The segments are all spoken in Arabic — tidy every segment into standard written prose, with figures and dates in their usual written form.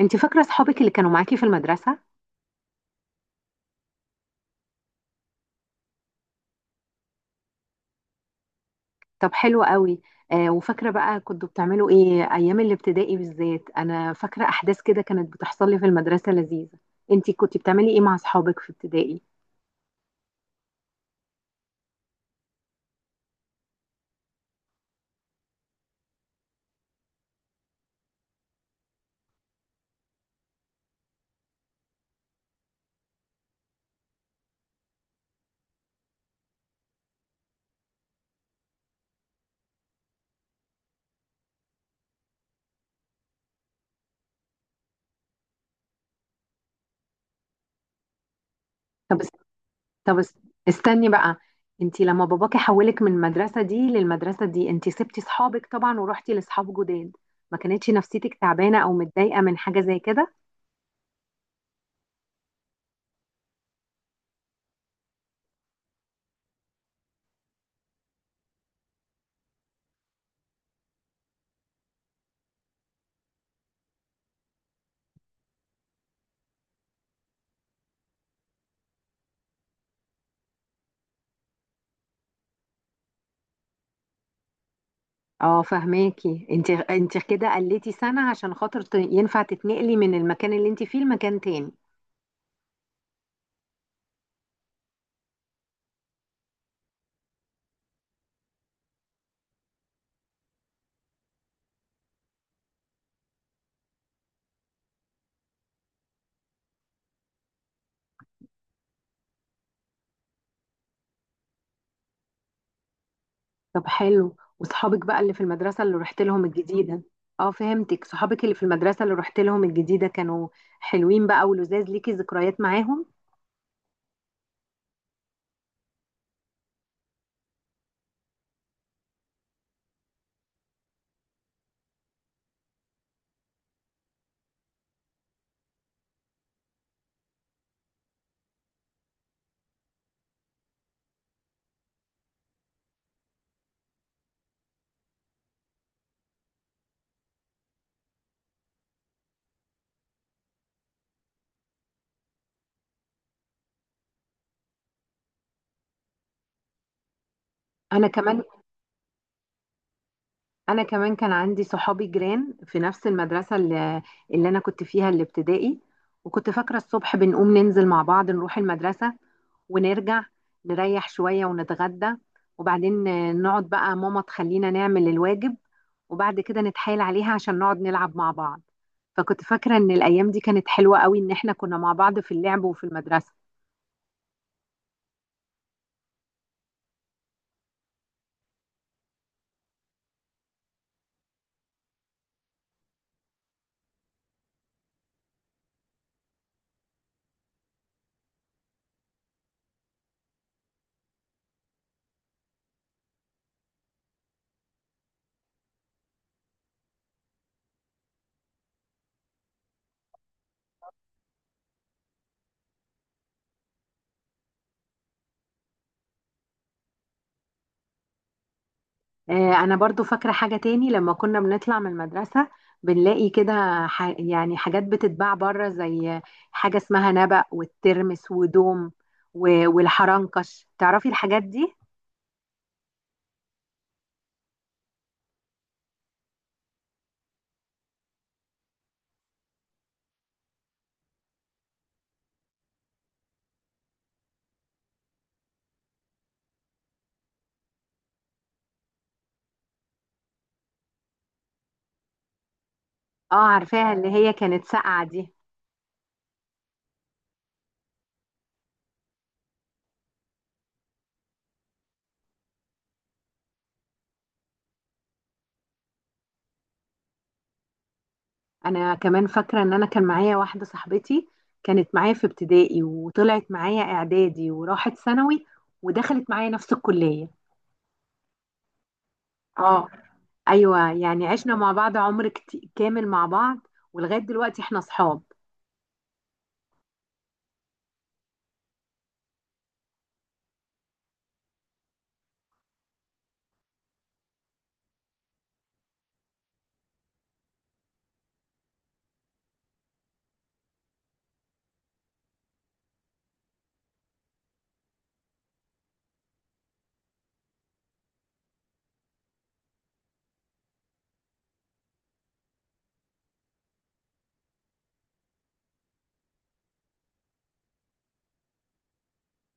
انت فاكره اصحابك اللي كانوا معاكي في المدرسه؟ طب حلو قوي. وفاكره بقى كنتوا بتعملوا ايه ايام الابتدائي؟ بالذات انا فاكره احداث كده كانت بتحصل لي في المدرسه لذيذه. انت كنت بتعملي ايه مع اصحابك في ابتدائي؟ طب است- طب است- استني بقى. انت لما باباكي حولك من المدرسه دي للمدرسه دي، انت سبتي اصحابك طبعا ورحتي لاصحاب جداد، ما كانتش نفسيتك تعبانه او متضايقه من حاجه زي كده؟ اه فهماكي. انت كده قلتي سنه عشان خاطر ينفع تتنقلي من المكان اللي انت فيه لمكان تاني. طب حلو، وصحابك بقى اللي في المدرسة اللي رحت لهم الجديدة؟ اه فهمتك، صحابك اللي في المدرسة اللي رحت لهم الجديدة كانوا حلوين بقى ولذاذ، ليكي ذكريات معاهم؟ انا كمان انا كمان كان عندي صحابي جيران في نفس المدرسة اللي انا كنت فيها الابتدائي، وكنت فاكرة الصبح بنقوم ننزل مع بعض نروح المدرسة، ونرجع نريح شوية ونتغدى، وبعدين نقعد بقى ماما تخلينا نعمل الواجب، وبعد كده نتحايل عليها عشان نقعد نلعب مع بعض. فكنت فاكرة إن الأيام دي كانت حلوة قوي، إن إحنا كنا مع بعض في اللعب وفي المدرسة. أنا برضو فاكرة حاجة تاني. لما كنا بنطلع من المدرسة بنلاقي كده، يعني حاجات بتتباع بره، زي حاجة اسمها نبق والترمس ودوم والحرنكش، تعرفي الحاجات دي؟ اه عارفاها، اللي هي كانت ساقعة دي. أنا كمان فاكرة إن أنا كان معايا واحدة صاحبتي كانت معايا في ابتدائي وطلعت معايا إعدادي وراحت ثانوي ودخلت معايا نفس الكلية. اه ايوه، يعني عشنا مع بعض عمر كامل مع بعض، ولغايه دلوقتي احنا اصحاب.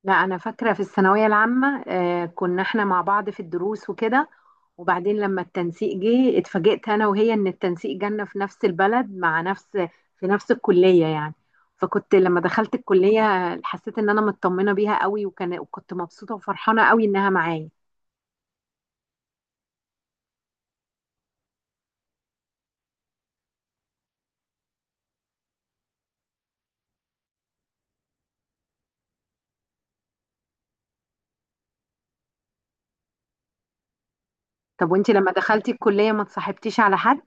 لا، انا فاكره في الثانويه العامه آه كنا احنا مع بعض في الدروس وكده، وبعدين لما التنسيق جه اتفاجئت انا وهي ان التنسيق جالنا في نفس البلد، مع نفس في نفس الكليه يعني. فكنت لما دخلت الكليه حسيت ان انا مطمنه بيها قوي، وكنت مبسوطه وفرحانه قوي انها معايا. طب وانت لما دخلتي الكليه ما اتصاحبتيش على حد؟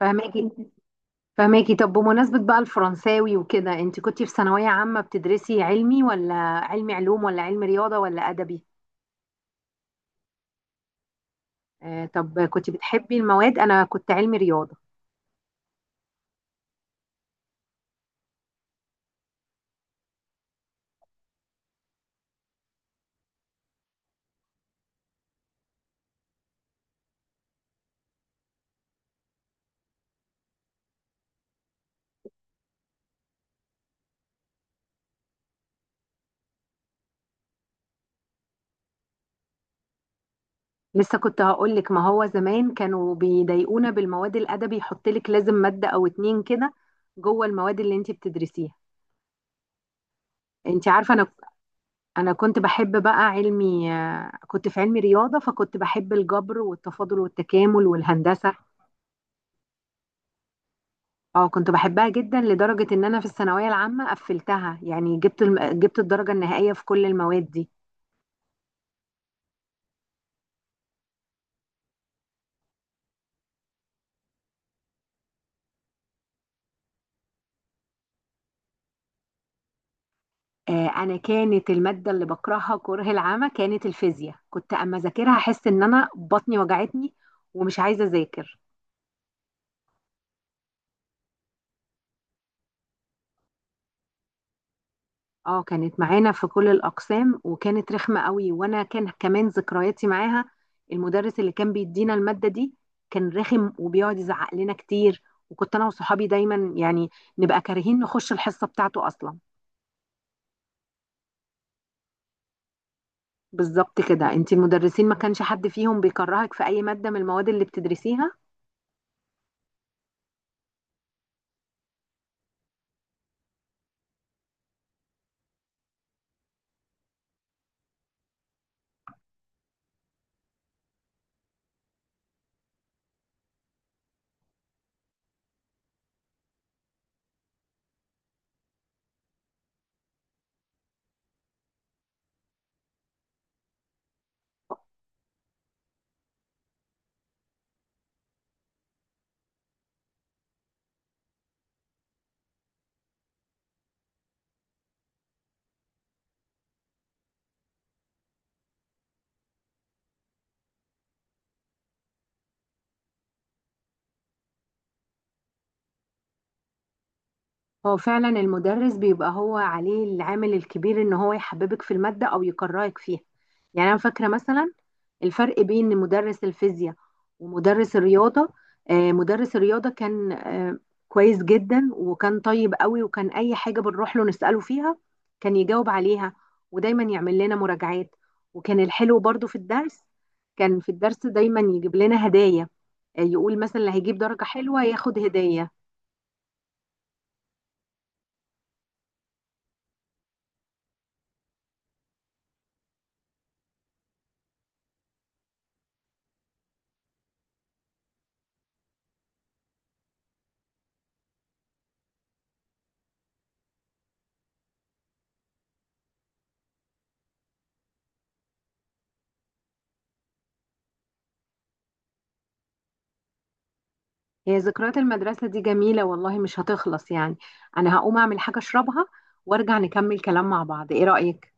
فاهمه. فماكي طب، بمناسبة بقى الفرنساوي وكده، انت كنتي في ثانوية عامة بتدرسي علمي ولا علمي علوم ولا علمي رياضة ولا أدبي؟ آه طب كنت بتحبي المواد؟ أنا كنت علمي رياضة لسه كنت هقولك، ما هو زمان كانوا بيضايقونا بالمواد الأدبي، يحطلك لازم مادة أو اتنين كده جوه المواد اللي انت بتدرسيها. انت عارفة، أنا أنا كنت بحب بقى علمي، آه كنت في علمي رياضة، فكنت بحب الجبر والتفاضل والتكامل والهندسة. اه كنت بحبها جدا، لدرجة ان انا في الثانوية العامة قفلتها، يعني جبت الدرجة النهائية في كل المواد دي. آه انا كانت المادة اللي بكرهها كره العمى كانت الفيزياء، كنت اما اذاكرها احس ان انا بطني وجعتني ومش عايزة اذاكر. اه كانت معانا في كل الاقسام وكانت رخمة قوي، وانا كان كمان ذكرياتي معاها، المدرس اللي كان بيدينا المادة دي كان رخم وبيقعد يزعق لنا كتير، وكنت انا وصحابي دايما يعني نبقى كارهين نخش الحصة بتاعته اصلا. بالظبط كده. انت المدرسين ما كانش حد فيهم بيكرهك في اي مادة من المواد اللي بتدرسيها؟ هو فعلا المدرس بيبقى هو عليه العامل الكبير ان هو يحببك في المادة او يكرهك فيها. يعني انا فاكرة مثلا الفرق بين مدرس الفيزياء ومدرس الرياضة. مدرس الرياضة كان، كويس جدا وكان طيب قوي، وكان أي حاجة بنروح له نسأله فيها كان يجاوب عليها، ودايما يعمل لنا مراجعات، وكان الحلو برضو في الدرس، كان في الدرس دايما يجيب لنا هدايا، يقول مثلا اللي هيجيب درجة حلوة ياخد هدية. هي ذكريات المدرسة دي جميلة والله، مش هتخلص يعني. أنا هقوم أعمل حاجة أشربها وأرجع نكمل كلام مع بعض، إيه رأيك؟